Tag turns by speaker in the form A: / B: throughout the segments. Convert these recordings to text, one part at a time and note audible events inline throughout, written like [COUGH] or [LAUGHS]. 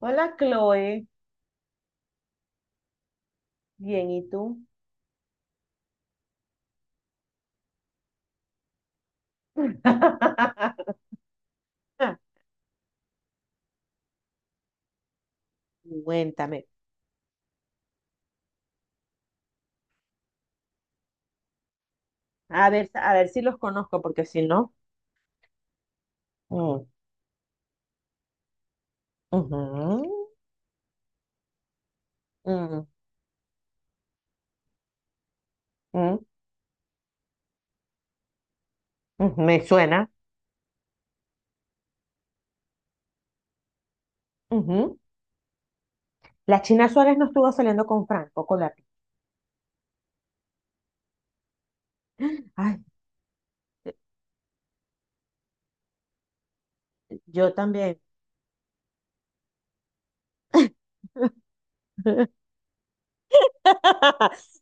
A: Hola, Chloe. Bien, ¿y tú? [LAUGHS] Cuéntame. A ver si los conozco, porque si no. Mm, ujú, mm, mm, mm, me suena. Ujú. La China Suárez no estuvo saliendo con Franco Colati. Ay, yo también. [LAUGHS]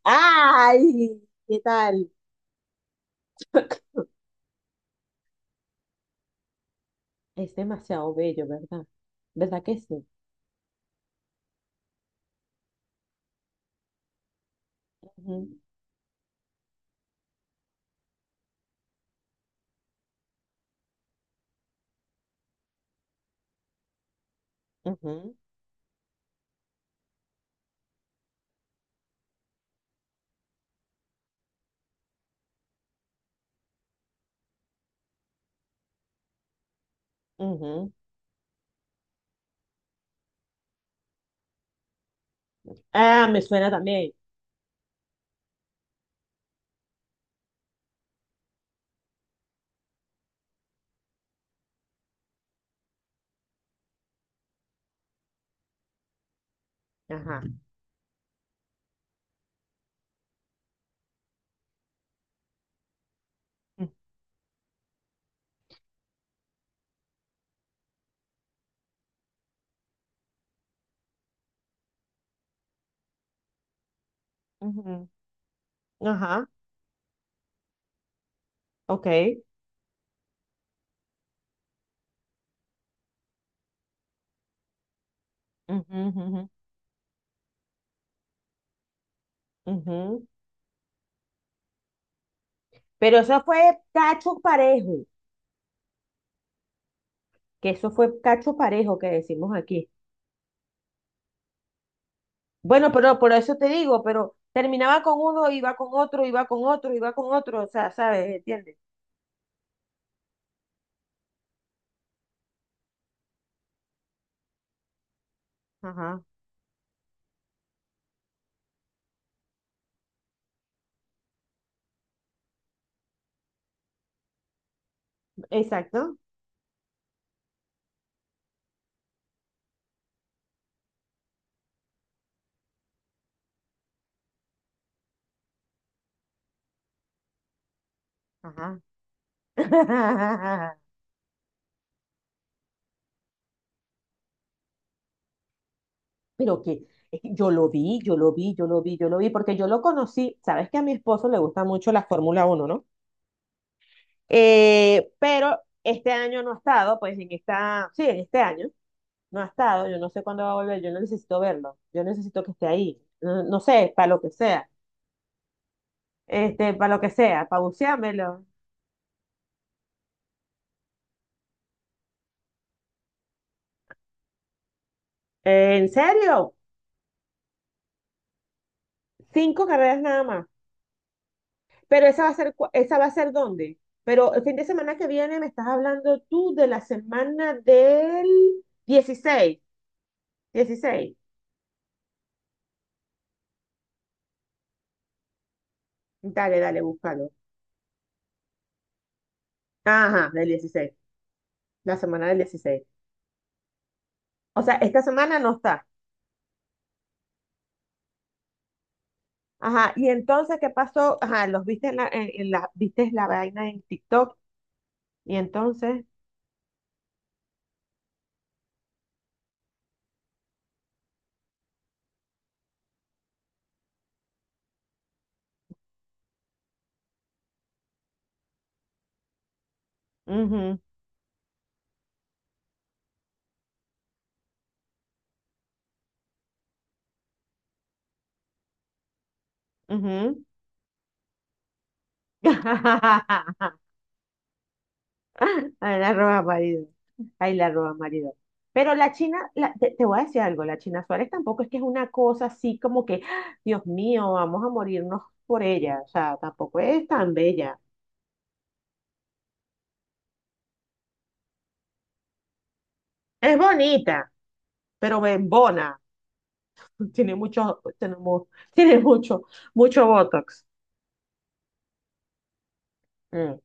A: ¡Ay! ¿Qué tal? Es demasiado bello, ¿verdad? ¿Verdad que sí? Ujú, ujú, ujú. Ah, me suena también. Ajá. Ujú, ajá, ok. Ujú, ujú, ujú. Pero eso fue cacho parejo, que eso fue cacho parejo que decimos aquí. Bueno, pero por eso te digo, pero terminaba con uno, iba con otro, iba con otro, iba con otro, o sea, ¿sabes? ¿Entiendes? Ajá, exacto. Ajá. [LAUGHS] Pero que es que yo lo vi, yo lo vi, yo lo vi, yo lo vi, porque yo lo conocí. Sabes que a mi esposo le gusta mucho la Fórmula uno, ¿no? Pero este año no ha estado, pues en esta, sí, en este año no ha estado, yo no sé cuándo va a volver, yo no necesito verlo, yo necesito que esté ahí, no, no sé, para lo que sea, para lo que sea, para buceármelo. ¿En serio? Cinco carreras nada más. Pero ¿esa va a ser dónde? Pero el fin de semana que viene me estás hablando tú de la semana del 16, 16. Dale, dale, búscalo. Ajá, del 16, la semana del 16. O sea, esta semana no está. Ajá, y entonces, ¿qué pasó? Ajá, los viste en la, viste la vaina en TikTok y entonces, mhm, mhm. [LAUGHS] Ay, la roba marido, ay, la roba marido. Pero la China, te voy a decir algo, la China Suárez tampoco es que es una cosa así como que, ¡ah! Dios mío, vamos a morirnos por ella, o sea, tampoco es tan bella. Es bonita, pero bembona, tiene mucho, [LAUGHS] tiene mucho, mucho botox. Mm.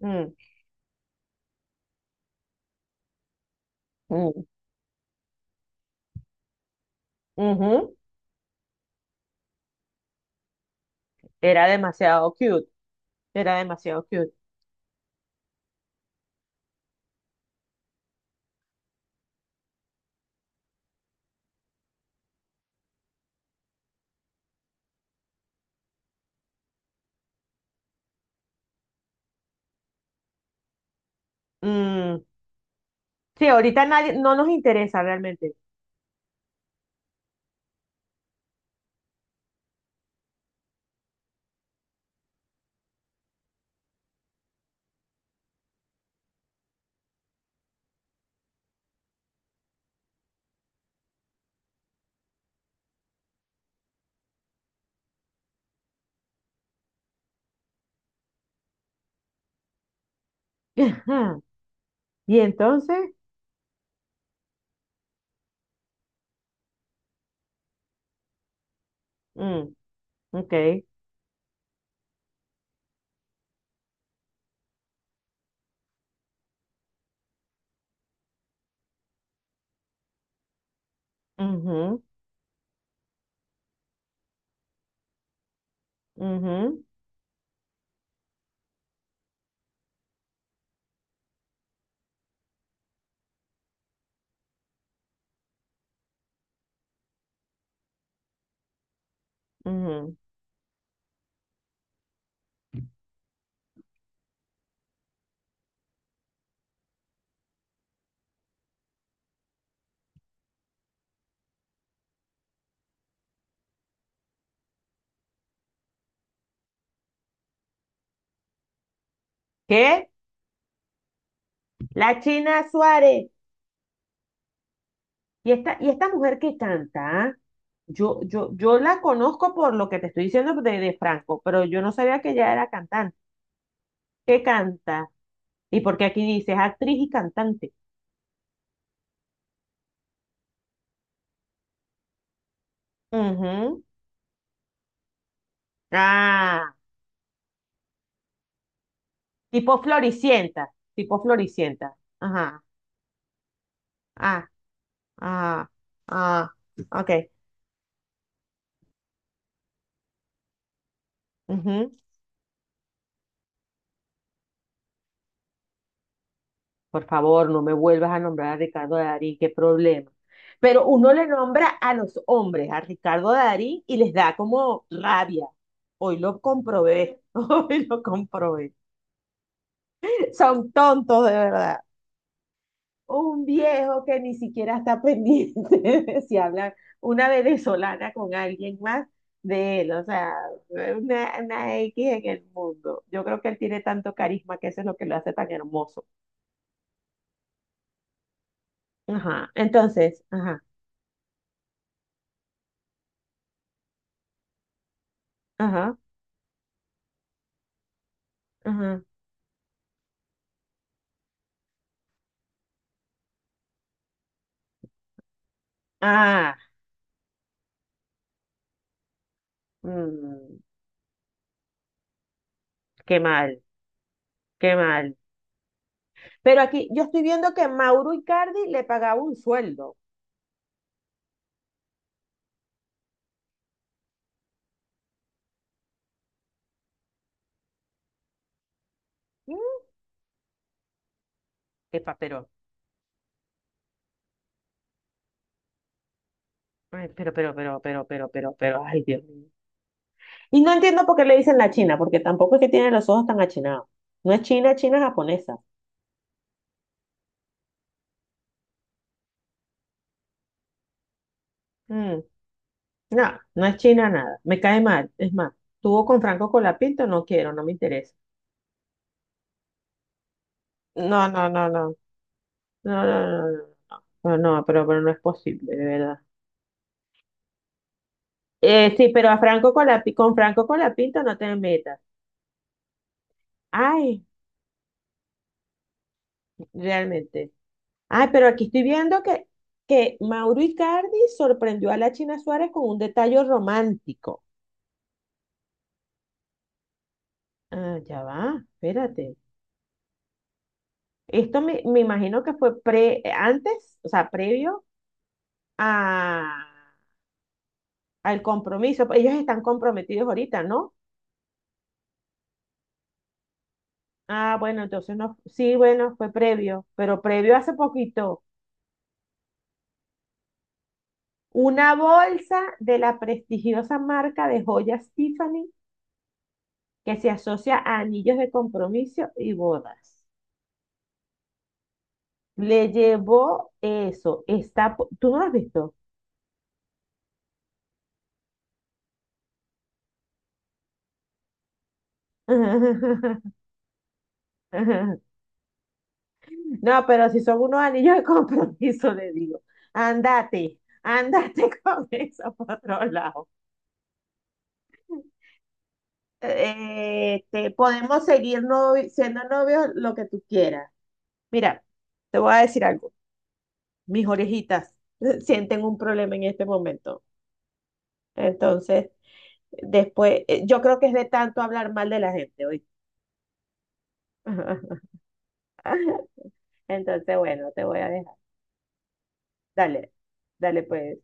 A: Mm, mm, ujú. Era demasiado cute, era demasiado cute. Mm, sí, ahorita nadie, no nos interesa realmente. [LAUGHS] Ajá. Y entonces, mm, ok, ujú, ujú, ujú. ¿Qué? La China Suárez. Y esta mujer que canta, ¿ah? Yo la conozco por lo que te estoy diciendo de Franco, pero yo no sabía que ella era cantante. ¿Qué canta? Y porque aquí dice es actriz y cantante. Ujú. Ah. Tipo floricienta, tipo floricienta. Ajá, ah, ah, ah, ok. Ujú. Por favor, no me vuelvas a nombrar a Ricardo Darín, qué problema. Pero uno le nombra a los hombres, a Ricardo Darín, y les da como rabia. Hoy lo comprobé, [LAUGHS] hoy lo comprobé. Son tontos de verdad. Un viejo que ni siquiera está pendiente [LAUGHS] de si habla una venezolana con alguien más de él, o sea, una X en el mundo. Yo creo que él tiene tanto carisma que eso es lo que lo hace tan hermoso. Ajá, entonces, ajá, ajá, ajá. Ah, mm, qué mal, qué mal. Pero aquí yo estoy viendo que Mauro Icardi le pagaba un sueldo. Mm, epa, pero, ay, pero, ay, Dios mío. Y no entiendo por qué le dicen la China, porque tampoco es que tiene los ojos tan achinados. No es China, China japonesa. Mm, no, no es China nada. Me cae mal. Es más, tuvo con Franco Colapinto, no quiero, no me interesa. No, no, no, no. No, no, no, no, no, no, pero no es posible, de verdad. Sí, pero con Franco Colapinto no te metas. Ay, realmente. Ay, pero aquí estoy viendo que Mauro Icardi sorprendió a la China Suárez con un detalle romántico. Ah, ya va, espérate. Esto me imagino que fue antes, o sea, previo a, al compromiso. Ellos están comprometidos ahorita, ¿no? Ah, bueno, entonces no, sí, bueno, fue previo, pero previo hace poquito. Una bolsa de la prestigiosa marca de joyas Tiffany que se asocia a anillos de compromiso y bodas. Le llevó eso. ¿Tú no lo has visto? [LAUGHS] No, pero si son unos anillos de compromiso, [LAUGHS] le digo, andate, andate [LAUGHS] con eso por otro lado. Podemos seguir siendo novios lo que tú quieras. Mira, te voy a decir algo. Mis orejitas [LAUGHS] sienten un problema en este momento. Entonces, después, yo creo que es de tanto hablar mal de la gente hoy. [LAUGHS] Entonces, bueno, te voy a dejar. Dale, dale pues.